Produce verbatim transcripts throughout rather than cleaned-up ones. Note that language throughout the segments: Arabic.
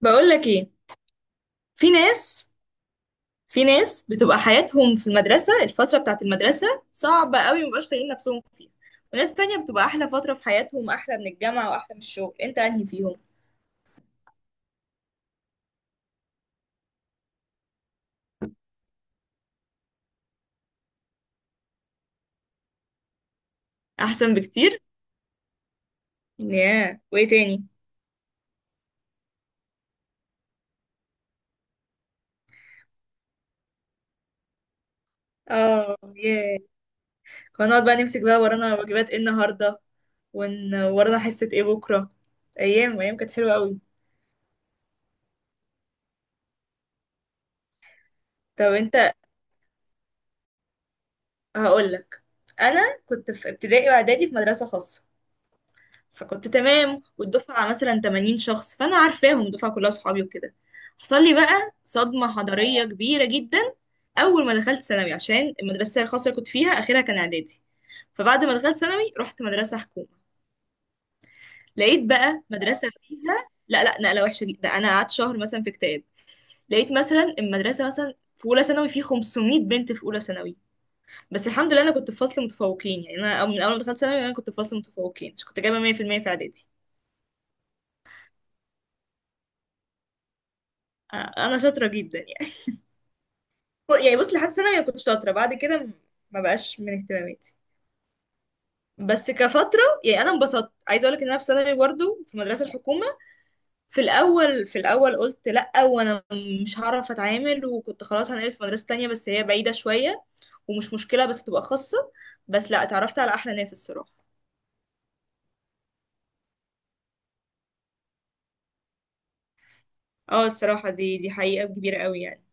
بقول لك ايه. في ناس في ناس بتبقى حياتهم في المدرسة، الفترة بتاعت المدرسة صعبة قوي ومبقاش طايقين نفسهم فيها، وناس تانية بتبقى أحلى فترة في حياتهم، أحلى من الجامعة وأحلى من الشغل. أنت أنهي فيهم؟ أحسن بكتير. ياه، وإيه تاني؟ آه ياه. كنا نقعد بقى نمسك بقى ورانا واجبات إيه النهاردة، ون... ورانا حصة إيه بكرة. أيام أيام كانت حلوة قوي. طب أنت، هقول لك. أنا كنت في ابتدائي وإعدادي في مدرسة خاصة، فكنت تمام، والدفعة مثلا ثمانين شخص، فأنا عارفاهم الدفعة كلها صحابي وكده. حصل لي بقى صدمة حضارية كبيرة جدا أول ما دخلت ثانوي، عشان المدرسة الخاصة اللي كنت فيها آخرها كان إعدادي، فبعد ما دخلت ثانوي رحت مدرسة حكومة. لقيت بقى مدرسة فيها، لا لا، نقلة وحشة جدا، ده أنا قعدت شهر مثلا في كتاب. لقيت مثلا المدرسة مثلا في أولى ثانوي في خمسمائة بنت في أولى ثانوي. بس الحمد لله أنا كنت في فصل متفوقين. يعني أنا من أول ما دخلت ثانوي أنا كنت في فصل متفوقين، كنت جايبة مية في المية في المية في إعدادي. آه، انا شاطره جدا يعني. يعني بص، لحد ثانوي أنا كنت شاطرة، بعد كده ما بقاش من اهتماماتي. بس كفترة، يعني أنا انبسطت. عايزة أقولك إن أنا في ثانوي برضه في مدرسة الحكومة، في الأول في الأول قلت لأ، وأنا مش هعرف أتعامل، وكنت خلاص هنقل في مدرسة تانية، بس هي بعيدة شوية ومش مشكلة بس تبقى خاصة، بس لأ، اتعرفت على أحلى ناس الصراحة. اه، الصراحة دي دي حقيقة كبيرة قوي يعني.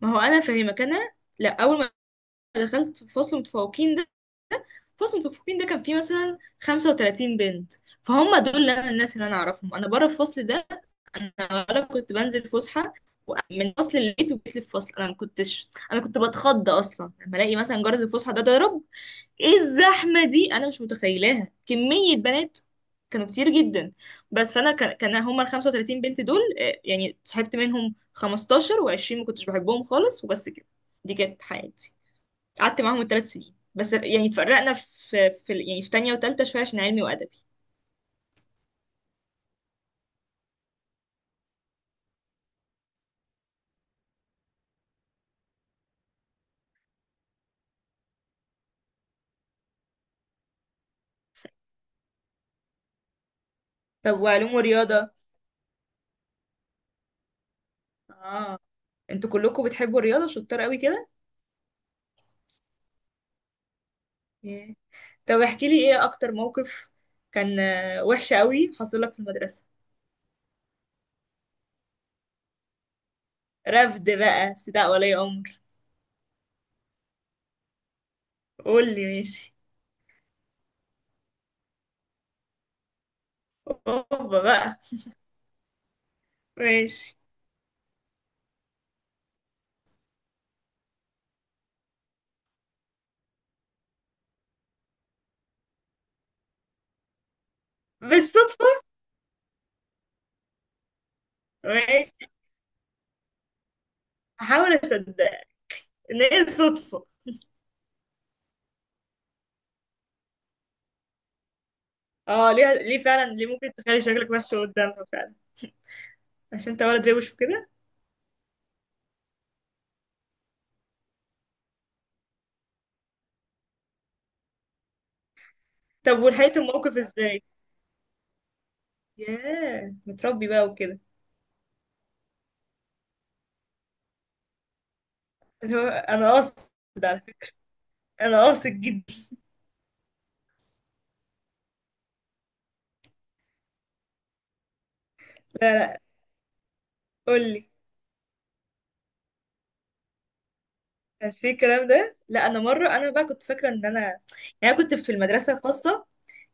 ما هو أنا فاهمك. أنا لأ، أول ما دخلت في فصل متفوقين، فصل متفوقين ده كان فيه مثلا خمسة وتلاتين بنت، فهم دول اللي أنا- الناس اللي انا اعرفهم انا بره الفصل ده. انا ولا كنت بنزل فسحه، و- من فصل البيت وجيت للفصل، انا ما كنتش انا كنت بتخض اصلا لما الاقي مثلا جرس الفسحه ده ضرب. ايه الزحمه دي؟ انا مش متخيلاها كميه بنات، كانوا كتير جدا. بس فانا كان كان هما ال خمسة وثلاثين بنت دول، آه، يعني صاحبت منهم خمستاشر و20، ما كنتش بحبهم خالص، وبس كده، دي كانت حياتي. قعدت معاهم ثلاث سنين، بس يعني اتفرقنا في, في يعني في تانية وتالتة شوية عشان علمي وأدبي. طب وعلوم ورياضة؟ اه. انتوا كلكم بتحبوا الرياضة، شطار قوي كده. yeah. طب احكي لي، ايه اكتر موقف كان آه، وحش قوي حصل لك في المدرسة؟ رفد بقى، استدعاء ولي امر؟ قول لي، ماشي. اوبا بقى. ماشي. بالصدفة. ماشي، هحاول اصدق ان هي الصدفة. اه ليه، ليه فعلا، ليه ممكن تخلي شكلك وحش قدامها فعلا؟ عشان انت ولد روش وكده. طب ولحقت الموقف ازاي؟ ياه، متربي بقى وكده. اللي هو انا قاصد، على فكره، انا قاصد جدا. لا لا، قول لي، مش في الكلام ده. لا انا مره انا بقى كنت فاكره ان انا يعني، انا كنت في المدرسه الخاصه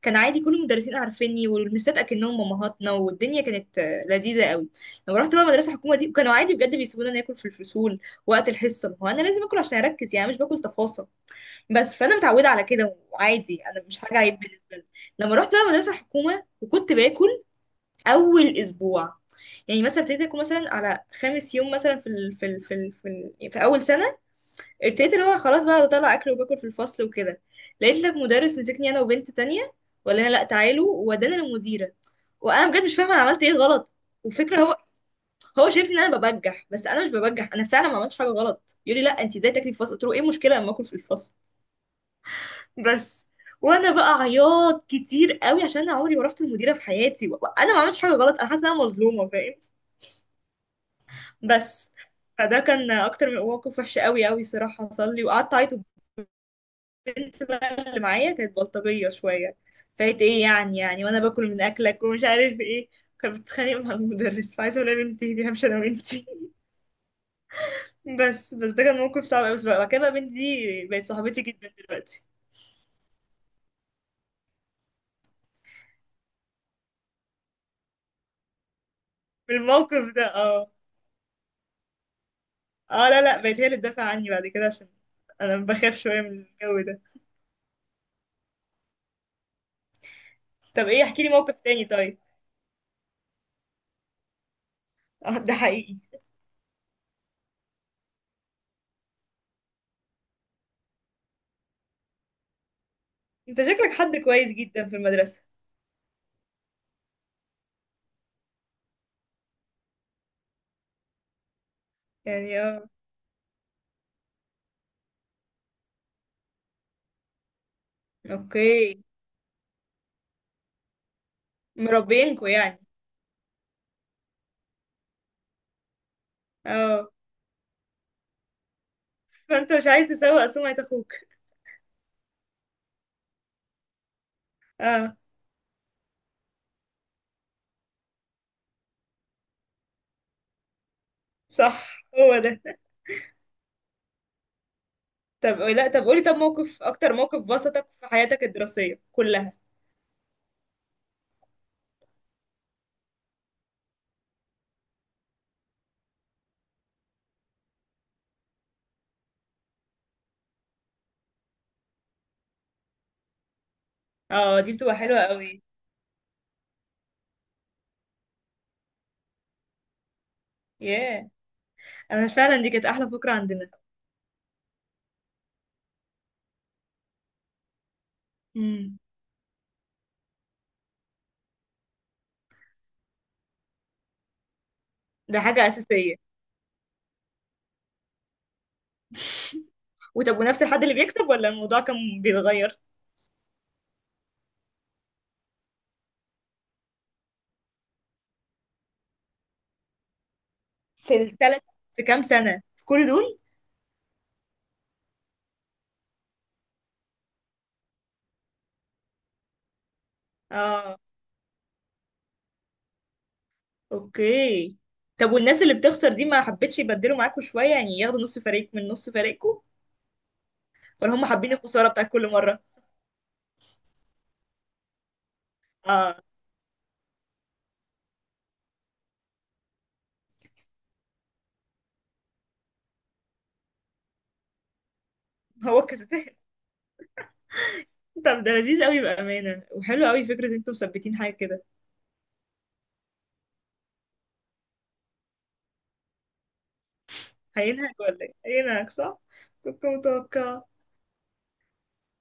كان عادي، كل المدرسين عارفيني والمستات اكنهم امهاتنا، والدنيا كانت آه، لذيذه قوي. لما رحت بقى مدرسه حكومه دي، وكانوا عادي بجد بيسيبونا ناكل في الفصول وقت الحصه. ما هو انا لازم اكل عشان اركز، يعني أنا مش باكل تفاصيل، بس فانا متعوده على كده وعادي، انا مش حاجه عيب بالنسبه لي. لما رحت بقى مدرسه حكومه وكنت باكل اول اسبوع، يعني مثلا ابتديت اكون مثلا على خامس يوم مثلا في ال في ال في ال في, ال يعني في اول سنه، ابتديت اللي هو خلاص بقى بطلع اكل وباكل في الفصل وكده. لقيت لك مدرس مسكني انا وبنت تانية، ولا انا، لا تعالوا، وودانا للمديره. وانا بجد مش فاهمه انا عملت ايه غلط. وفكره هو، هو شايفني ان انا ببجح، بس انا مش ببجح، انا فعلا ما عملتش حاجه غلط. يقول لي، لا انت ازاي تاكلي في الفصل؟ قلت له، ايه المشكله لما اكل في الفصل؟ بس. وانا بقى عياط كتير قوي، عشان انا عمري ما رحت المديره في حياتي، وانا ما عملتش حاجه غلط، انا حاسه ان انا مظلومه، فاهم؟ بس. فده كان اكتر من موقف وحش قوي قوي صراحه حصل لي، وقعدت اعيط. والبنت اللي معايا كانت بلطجيه شويه، فايت ايه يعني، يعني وانا باكل من اكلك ومش عارف ايه، كانت بتتخانق مع المدرس، فعايزه اقول لها يا بنتي دي همشي انا وانتي. بس بس ده كان موقف صعب قوي، بس بقى بعد كده بقى بنتي دي بقت صاحبتي جدا دلوقتي. بالموقف ده، اه. اه لا لا، بقت هي اللي تدافع عني بعد كده، عشان انا بخاف شويه من الجو ده. طب، ايه، احكي لي موقف تاني طيب. اه ده حقيقي. انت شكلك حد كويس جدا في المدرسه. يعني اه. اوكي. مربينكو يعني. اه. فانت مش عايز تسوق سمعة اخوك. اه صح، هو ده. طب لا، طب قولي، طب موقف، اكتر موقف بسطك في حياتك الدراسية كلها. اه، دي بتبقى حلوة قوي. ياه. انا فعلا دي كانت احلى فكرة عندنا. امم. ده حاجة اساسية. وطب، ونفس الحد اللي بيكسب، ولا الموضوع كان بيتغير؟ في الثلاث، في كام سنة، في كل دول؟ اه. اوكي. طب والناس اللي بتخسر دي ما حبتش يبدلوا معاكوا شوية، يعني ياخدوا نص فريق من نص فريقكم، ولا هم حابين الخساره بتاعت كل مره؟ اه، هو الكسبان. طب ده لذيذ قوي بامانه، وحلو قوي فكره ان انتوا مثبتين حاجه كده. هينهك ولا ايه؟ هينهك صح. كنت متوقع.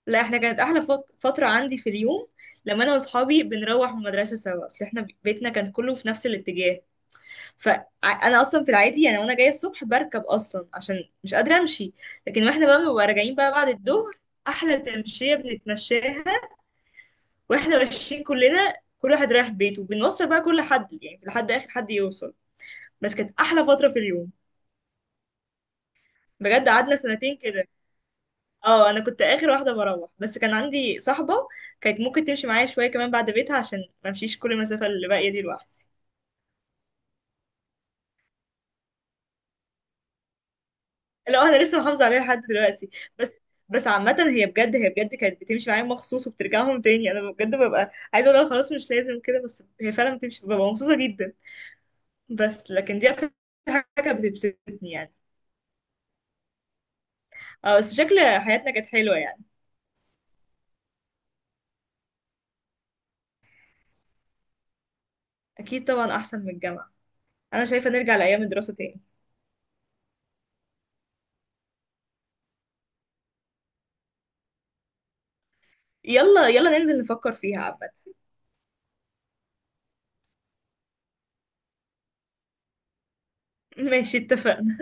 لا، احنا كانت احلى فت- فتره عندي في اليوم لما انا واصحابي بنروح من المدرسه سوا، اصل احنا بيتنا كان كله في نفس الاتجاه. فانا اصلا في العادي، يعني وانا جايه الصبح بركب اصلا عشان مش قادره امشي، لكن واحنا بقى بنبقى راجعين بقى بعد الظهر، احلى تمشيه بنتمشاها. واحنا ماشيين كلنا، كل واحد رايح بيته، وبنوصل بقى كل حد يعني لحد اخر حد يوصل. بس كانت احلى فتره في اليوم. بجد قعدنا سنتين كده. اه انا كنت اخر واحده بروح، بس كان عندي صاحبه كانت ممكن تمشي معايا شويه كمان بعد بيتها، عشان ما امشيش كل المسافه اللي باقيه دي لوحدي. لا انا لسه محافظه عليها لحد دلوقتي. بس بس عامة هي بجد، هي بجد كانت بتمشي معايا مخصوص وبترجعهم تاني، انا بجد ببقى عايزه اقول لها خلاص مش لازم كده، بس هي فعلا بتمشي ببقى مبسوطه جدا. بس لكن دي اكتر حاجه بتبسطني يعني. اه. بس شكل حياتنا كانت حلوة يعني. اكيد طبعا احسن من الجامعة. انا شايفة نرجع لايام الدراسة تاني. يلا يلا ننزل نفكر فيها عامة. ماشي، اتفقنا.